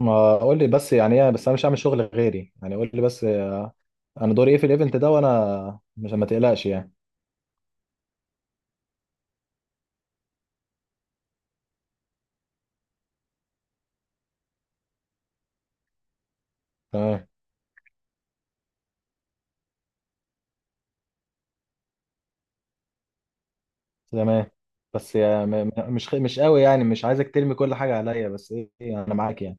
ما قول لي بس. يعني ايه؟ بس انا مش هعمل شغل غيري، يعني قول لي بس. انا دوري ايه في الايفنت ده؟ وانا مش، ما تقلقش يعني. تمام. تمام، بس يعني مش قوي، يعني مش عايزك ترمي كل حاجه عليا، بس ايه إيه، انا معاك يعني.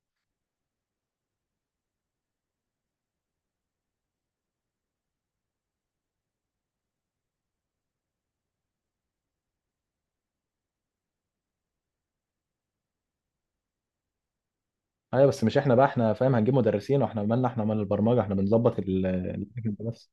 ايوه بس مش احنا بقى، احنا فاهم، هنجيب مدرسين؟ واحنا مالنا؟ احنا مال البرمجه؟ احنا بنظبط الايفنت بس.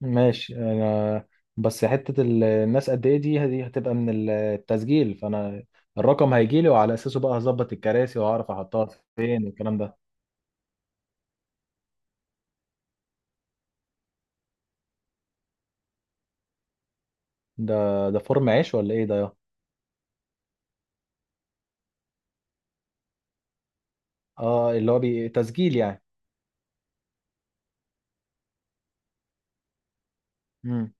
ماشي انا، بس حته الناس قد ايه دي هتبقى من التسجيل، فانا الرقم هيجي لي وعلى اساسه بقى هظبط الكراسي واعرف احطها فين والكلام ده. ده ده فورم عيش ولا ايه ده يا؟ اه اللي هو تسجيل يعني. امم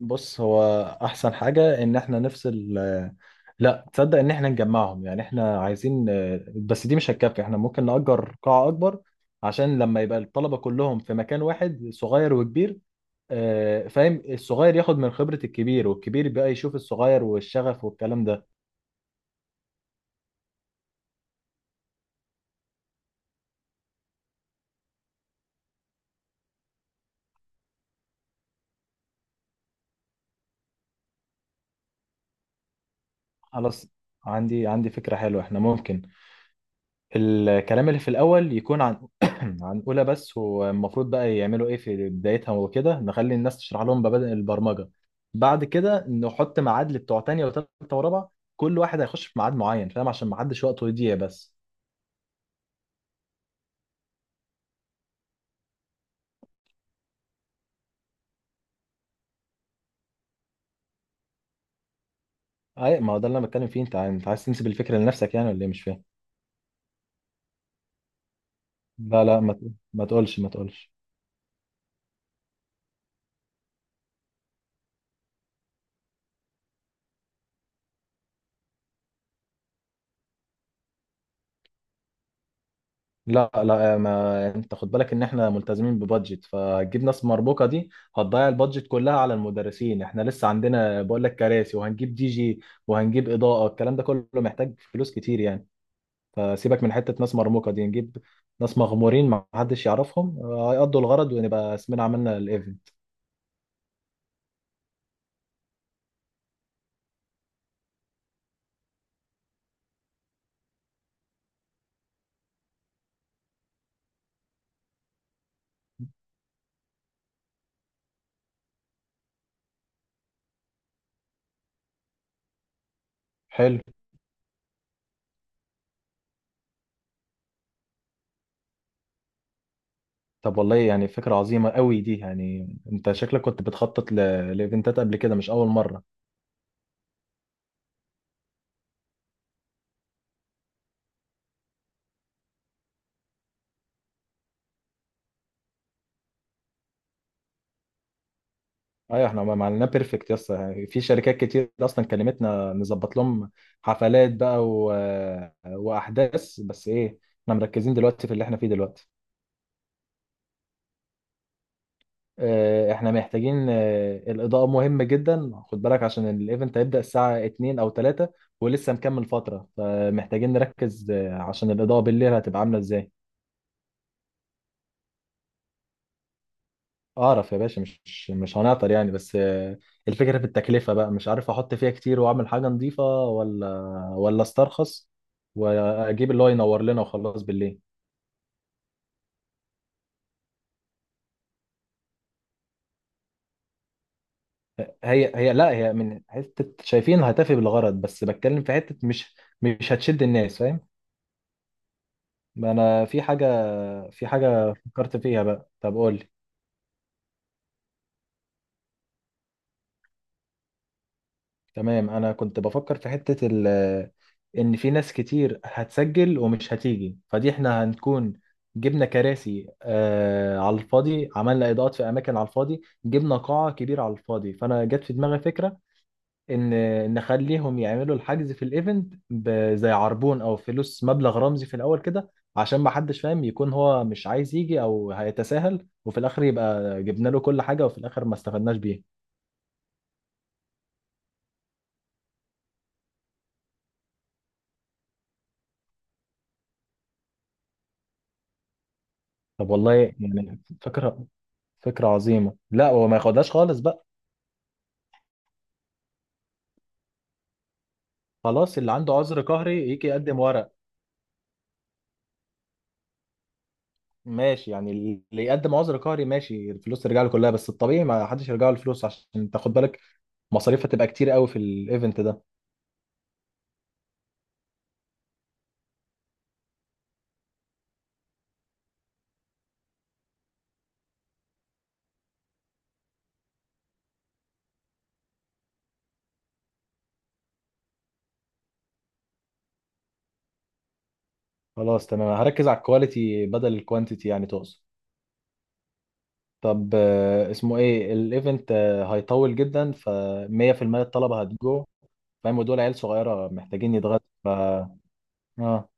بص، هو احسن حاجة ان احنا نفصل. لا تصدق ان احنا نجمعهم، يعني احنا عايزين، بس دي مش هتكفي، احنا ممكن نأجر قاعة اكبر عشان لما يبقى الطلبة كلهم في مكان واحد، صغير وكبير، فاهم؟ الصغير ياخد من خبرة الكبير، والكبير بقى يشوف الصغير والشغف والكلام ده. خلاص، عندي فكرة حلوة. احنا ممكن الكلام اللي في الأول يكون عن عن أولى بس، والمفروض بقى يعملوا إيه في بدايتها وكده، نخلي الناس تشرح لهم مبادئ البرمجة. بعد كده نحط ميعاد لبتوع تانية وتالتة ورابعة، كل واحد هيخش في ميعاد معين، فاهم؟ عشان ما حدش وقته يضيع بس. أي ما هو ده اللي أنا بتكلم فيه، أنت عايز تنسب الفكرة لنفسك يعني، ولا إيه؟ مش فاهم. لا لا، ما تقولش. لا لا، ما انت خد بالك ان احنا ملتزمين ببادجت، فهتجيب ناس مربوكه دي هتضيع البادجت كلها على المدرسين. احنا لسه عندنا، بقول لك، كراسي وهنجيب دي جي وهنجيب اضاءه. الكلام ده كله محتاج فلوس كتير يعني. فسيبك من حته ناس مرموقه دي، نجيب ناس مغمورين ما حدش يعرفهم، هيقضوا الغرض، ونبقى اسمنا عملنا الايفنت. حلو. طب والله يعني فكره عظيمه قوي دي. يعني انت شكلك كنت بتخطط لايفنتات قبل كده، مش اول مره. ايوه، احنا ما عملناه بيرفكت. يس. في شركات كتير اصلا كلمتنا نظبط لهم حفلات بقى واحداث، بس ايه، احنا مركزين دلوقتي في اللي احنا فيه دلوقتي. اه، احنا محتاجين، الاضاءة مهمة جدا. خد بالك عشان الايفنت هيبدأ الساعة 2 او 3 ولسه مكمل فترة، فمحتاجين نركز، عشان الاضاءة بالليل هتبقى عاملة ازاي. اعرف يا باشا، مش هنعطل يعني، بس الفكره في التكلفه بقى. مش عارف احط فيها كتير واعمل حاجه نظيفه، ولا ولا استرخص واجيب اللي هو ينور لنا وخلاص بالليل. هي لا، هي من حته شايفين هتفي بالغرض، بس بتكلم في حته مش هتشد الناس، فاهم؟ ما انا في حاجه، في حاجه فكرت فيها بقى. طب قول. تمام، انا كنت بفكر في حتة ال، ان في ناس كتير هتسجل ومش هتيجي، فدي احنا هنكون جبنا كراسي على الفاضي، عملنا اضاءات في اماكن على الفاضي، جبنا قاعة كبيرة على الفاضي، فانا جت في دماغي فكرة ان نخليهم يعملوا الحجز في الايفنت زي عربون، او فلوس مبلغ رمزي في الاول كده، عشان ما حدش فاهم يكون هو مش عايز يجي، او هيتساهل، وفي الاخر يبقى جبنا له كل حاجة، وفي الاخر ما استفدناش بيه. طب والله يعني فكرة، فكرة عظيمة. لا هو ما ياخدهاش خالص بقى. خلاص، اللي عنده عذر قهري يجي يقدم ورق. ماشي يعني، اللي يقدم عذر قهري ماشي الفلوس ترجع له كلها، بس الطبيعي ما حدش يرجع له الفلوس، عشان تاخد بالك مصاريف هتبقى كتير قوي في الايفنت ده. خلاص تمام، هركز على الكواليتي بدل الكوانتيتي، يعني تقصد. طب اسمه ايه الايفنت؟ هيطول جدا، ف 100% الطلبة هتجو، فاهم؟ ودول عيال صغيرة محتاجين يتغدوا. ف اه.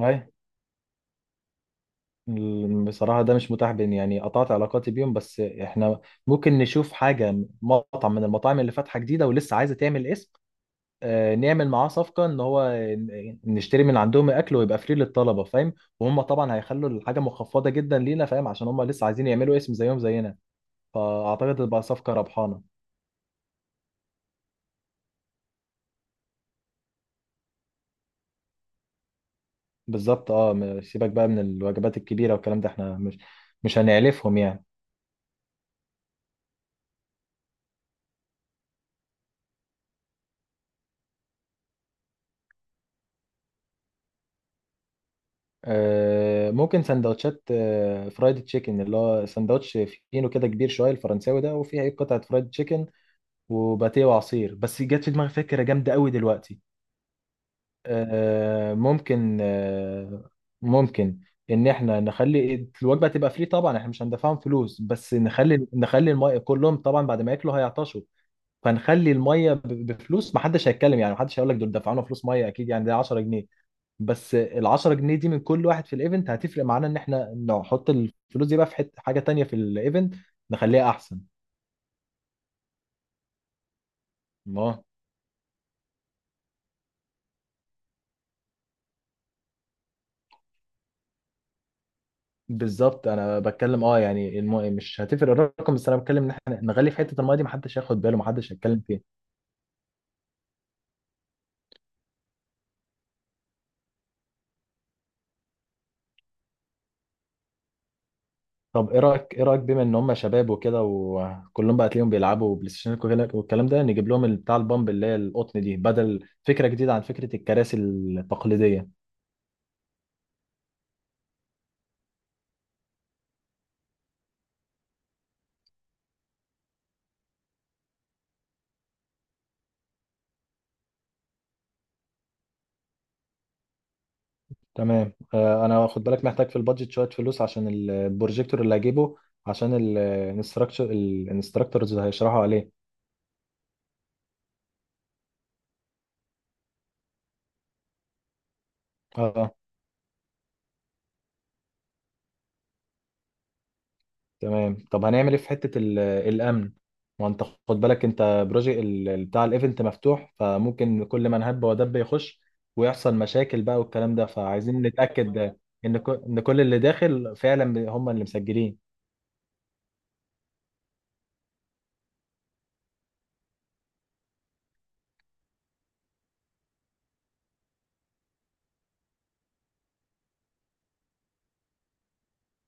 أي. بصراحة ده مش متاح بين، يعني قطعت علاقاتي بيهم، بس احنا ممكن نشوف حاجة، مطعم من المطاعم اللي فاتحة جديدة ولسه عايزة تعمل اسم، نعمل معاه صفقة ان هو نشتري من عندهم الاكل ويبقى فري للطلبة، فاهم؟ وهم طبعا هيخلوا الحاجة مخفضة جدا لينا، فاهم؟ عشان هم لسه عايزين يعملوا اسم زيهم زينا. فاعتقد تبقى صفقة ربحانة. بالظبط. اه سيبك بقى من الوجبات الكبيرة والكلام ده، احنا مش هنعلفهم يعني. ممكن سندوتشات، فرايد تشيكن، اللي هو سندوتش فينو كده كبير شويه، الفرنساوي ده، وفيه ايه، قطعه فرايد تشيكن وباتيه وعصير. بس جت في دماغي فكره جامده قوي دلوقتي. آه، ممكن آه، ممكن ان احنا نخلي الوجبه تبقى فري، طبعا احنا مش هندفعهم فلوس، بس نخلي الميه كلهم. طبعا بعد ما ياكلوا هيعطشوا، فنخلي الميه بفلوس، محدش هيتكلم يعني، محدش هيقول لك دول دفعونا فلوس ميه، اكيد يعني ده 10 جنيه، بس ال 10 جنيه دي من كل واحد في الايفنت هتفرق معانا، ان احنا نحط الفلوس دي بقى في حته حاجه تانية في الايفنت نخليها احسن. ما بالظبط، انا بتكلم اه يعني مش هتفرق الرقم، بس انا بتكلم ان احنا نغلي في حته المايه دي، محدش هياخد باله، محدش هيتكلم فيها. طب ايه رايك، ايه رايك بما ان هم شباب وكده، وكلهم بقى تلاقيهم بيلعبوا بلاي ستيشن والكلام ده، نجيب لهم بتاع البامب اللي هي القطن دي، بدل فكره جديده عن فكره الكراسي التقليديه. تمام انا خد بالك محتاج في البادجت شويه فلوس عشان البروجيكتور اللي هجيبه، عشان الانستراكتورز اللي هيشرحوا عليه. اه تمام. طب هنعمل ايه في حته الامن؟ ما انت خد بالك انت بروجيكت بتاع الايفنت مفتوح، فممكن كل من هب ودب يخش ويحصل مشاكل بقى والكلام ده، فعايزين نتاكد ان كل اللي داخل فعلا هم اللي مسجلين.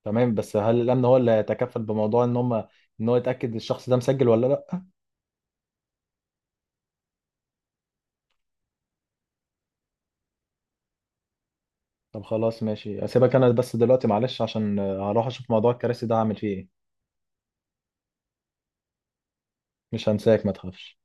تمام، بس هل الامن هو اللي يتكفل بموضوع ان ان هو يتاكد الشخص ده مسجل ولا لا؟ طب خلاص ماشي، اسيبك انا بس دلوقتي معلش، عشان هروح اشوف موضوع الكراسي ده هعمل فيه ايه. مش هنساك، ما تخافش.